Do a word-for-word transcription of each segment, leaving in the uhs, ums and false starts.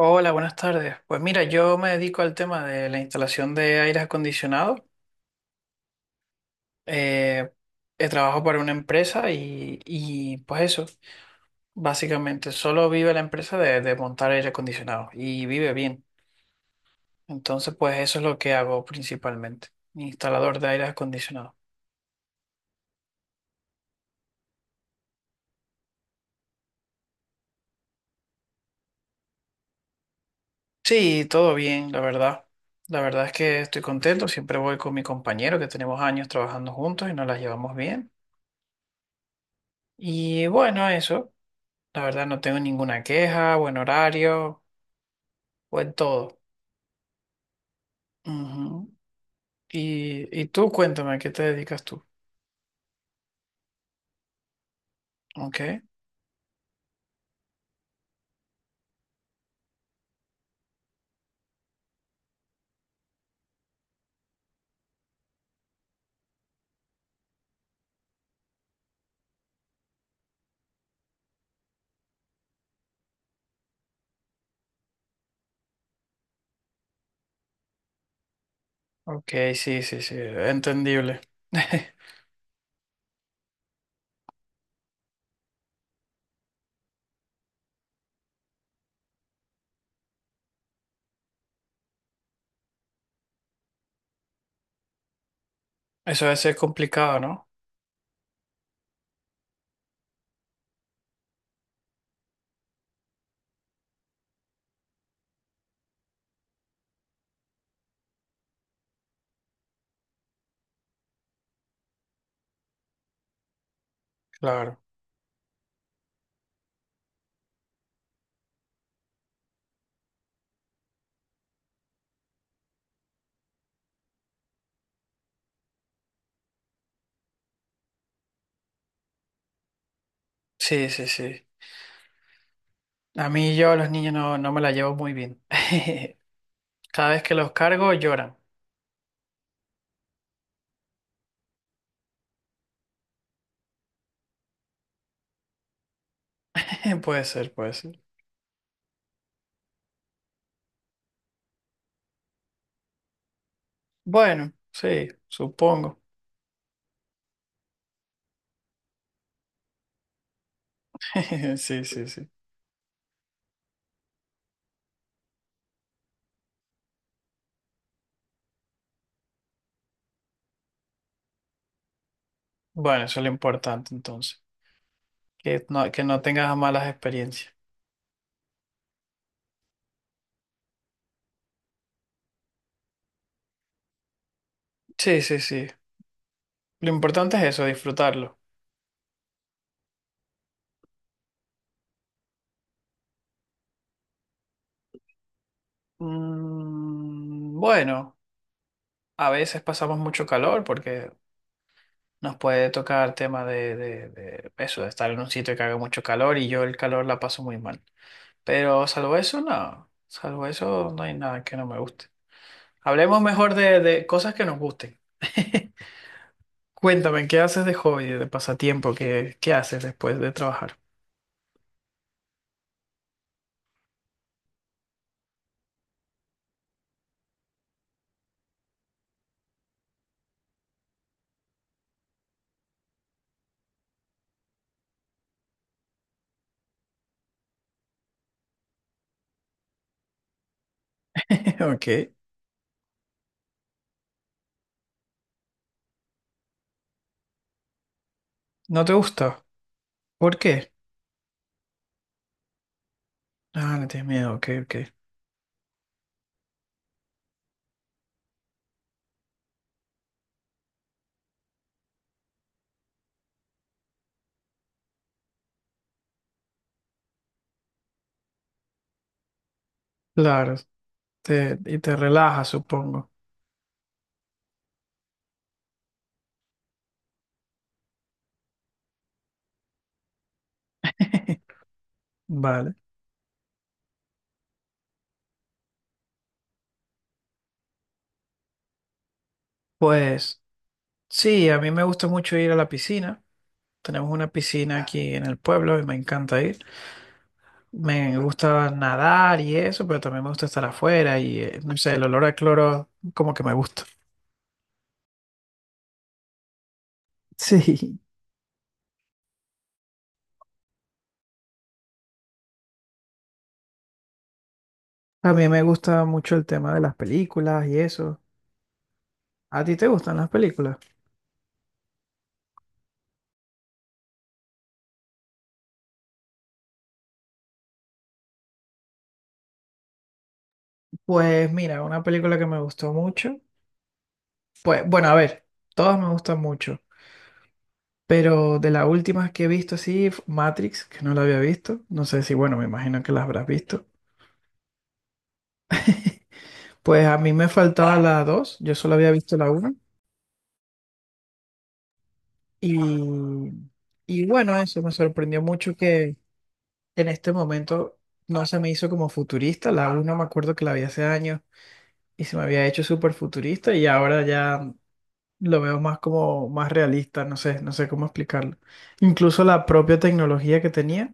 Hola, buenas tardes. Pues mira, yo me dedico al tema de la instalación de aires acondicionados. Eh, eh, Trabajo para una empresa y, y, pues eso, básicamente solo vive la empresa de, de montar aire acondicionado y vive bien. Entonces, pues eso es lo que hago principalmente, instalador de aires acondicionados. Sí, todo bien, la verdad. La verdad es que estoy contento. Siempre voy con mi compañero que tenemos años trabajando juntos y nos las llevamos bien. Y bueno, eso. La verdad no tengo ninguna queja, buen horario, buen todo. Ujú. Y, y tú cuéntame, ¿a qué te dedicas tú? Ok, ok, sí, sí, sí, entendible. Eso debe ser complicado, ¿no? Claro. Sí, sí, sí. A mí y yo a los niños no, no me la llevo muy bien. Cada vez que los cargo lloran. Puede ser, puede ser. Bueno, sí, supongo. Sí, sí, sí. Bueno, eso es lo importante entonces. Que no, que no tengas malas experiencias. Sí, sí, sí. Lo importante es eso, disfrutarlo. Mm, bueno, a veces pasamos mucho calor porque nos puede tocar tema de, de- de eso, de estar en un sitio que haga mucho calor y yo el calor la paso muy mal. Pero salvo eso, no. Salvo eso, no hay nada que no me guste. Hablemos mejor de, de cosas que nos gusten. Cuéntame, ¿qué haces de hobby, de pasatiempo? ¿Qué, qué haces después de trabajar? Ok. ¿No te gusta? ¿Por qué? Ah, le tienes miedo, ok, ok. Claro, Te- y te relaja, supongo. Vale. Pues sí, a mí me gusta mucho ir a la piscina. Tenemos una piscina aquí en el pueblo y me encanta ir. Me gusta nadar y eso, pero también me gusta estar afuera y eh, no sé, el olor a cloro como que me gusta. Sí. A mí me gusta mucho el tema de las películas y eso. ¿A ti te gustan las películas? Pues mira, una película que me gustó mucho. Pues bueno, a ver, todas me gustan mucho. Pero de las últimas que he visto, sí, f- Matrix, que no la había visto. No sé si, bueno, me imagino que la habrás visto. Pues a mí me faltaba la dos, yo solo había visto la una. Y, y bueno, eso me sorprendió mucho que en este momento no se me hizo como futurista. La una me acuerdo que la vi hace años y se me había hecho súper futurista y ahora ya lo veo más como más realista, no sé, no sé cómo explicarlo. Incluso la propia tecnología que tenía.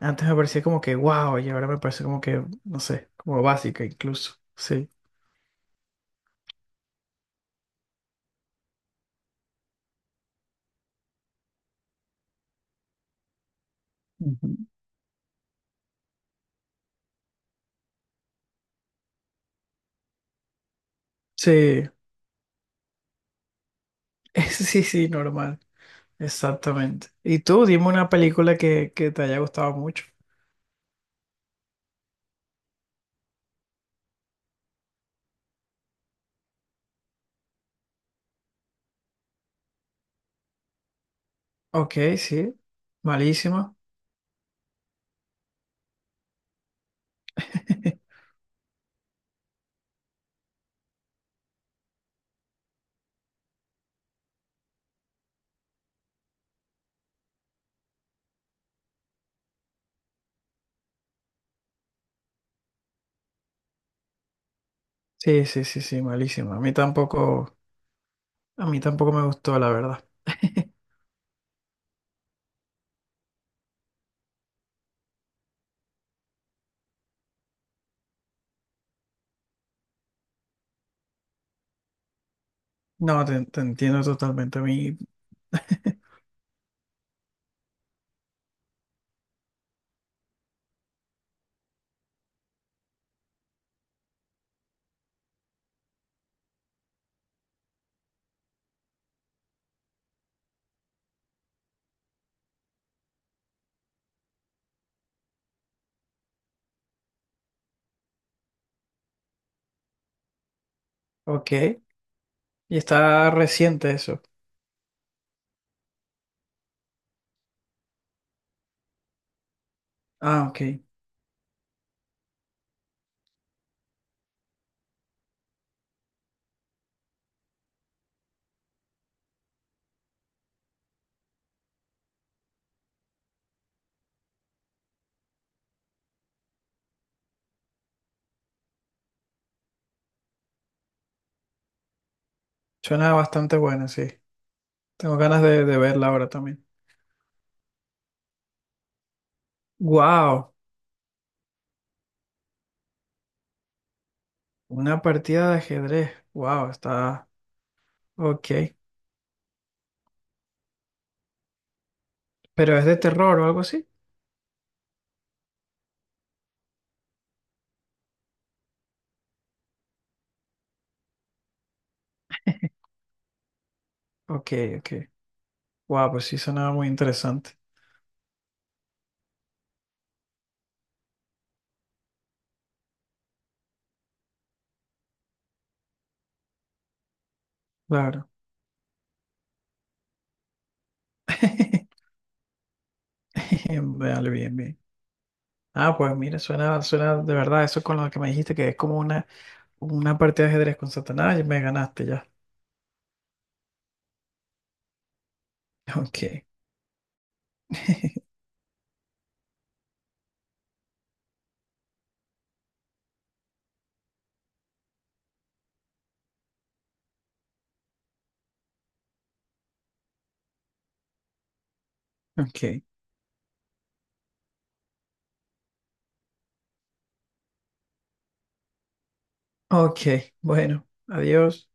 Antes me parecía como que wow, y ahora me parece como que, no sé, como básica incluso. Sí, Ujú. Sí, sí, sí, normal. Exactamente. Y tú, dime una película que, que te haya gustado mucho. Ok, sí, malísima. Sí, sí, sí, sí, malísima. A mí tampoco, a mí tampoco me gustó, la verdad. No, te, te entiendo totalmente. A mí, ok. Y está reciente eso. Ah, ok. Suena bastante buena, sí. Tengo ganas de, de verla ahora también. Wow, una partida de ajedrez. Wow, está... Ok. ¿Pero es de terror o algo así? Ok, ok. Wow, pues sí sonaba muy interesante. Claro. Vale, bien, bien. Ah, pues mira, suena, suena de verdad eso con lo que me dijiste, que es como una, una partida de ajedrez con Satanás y me ganaste ya. Ok. Ok. Ok. Bueno, adiós.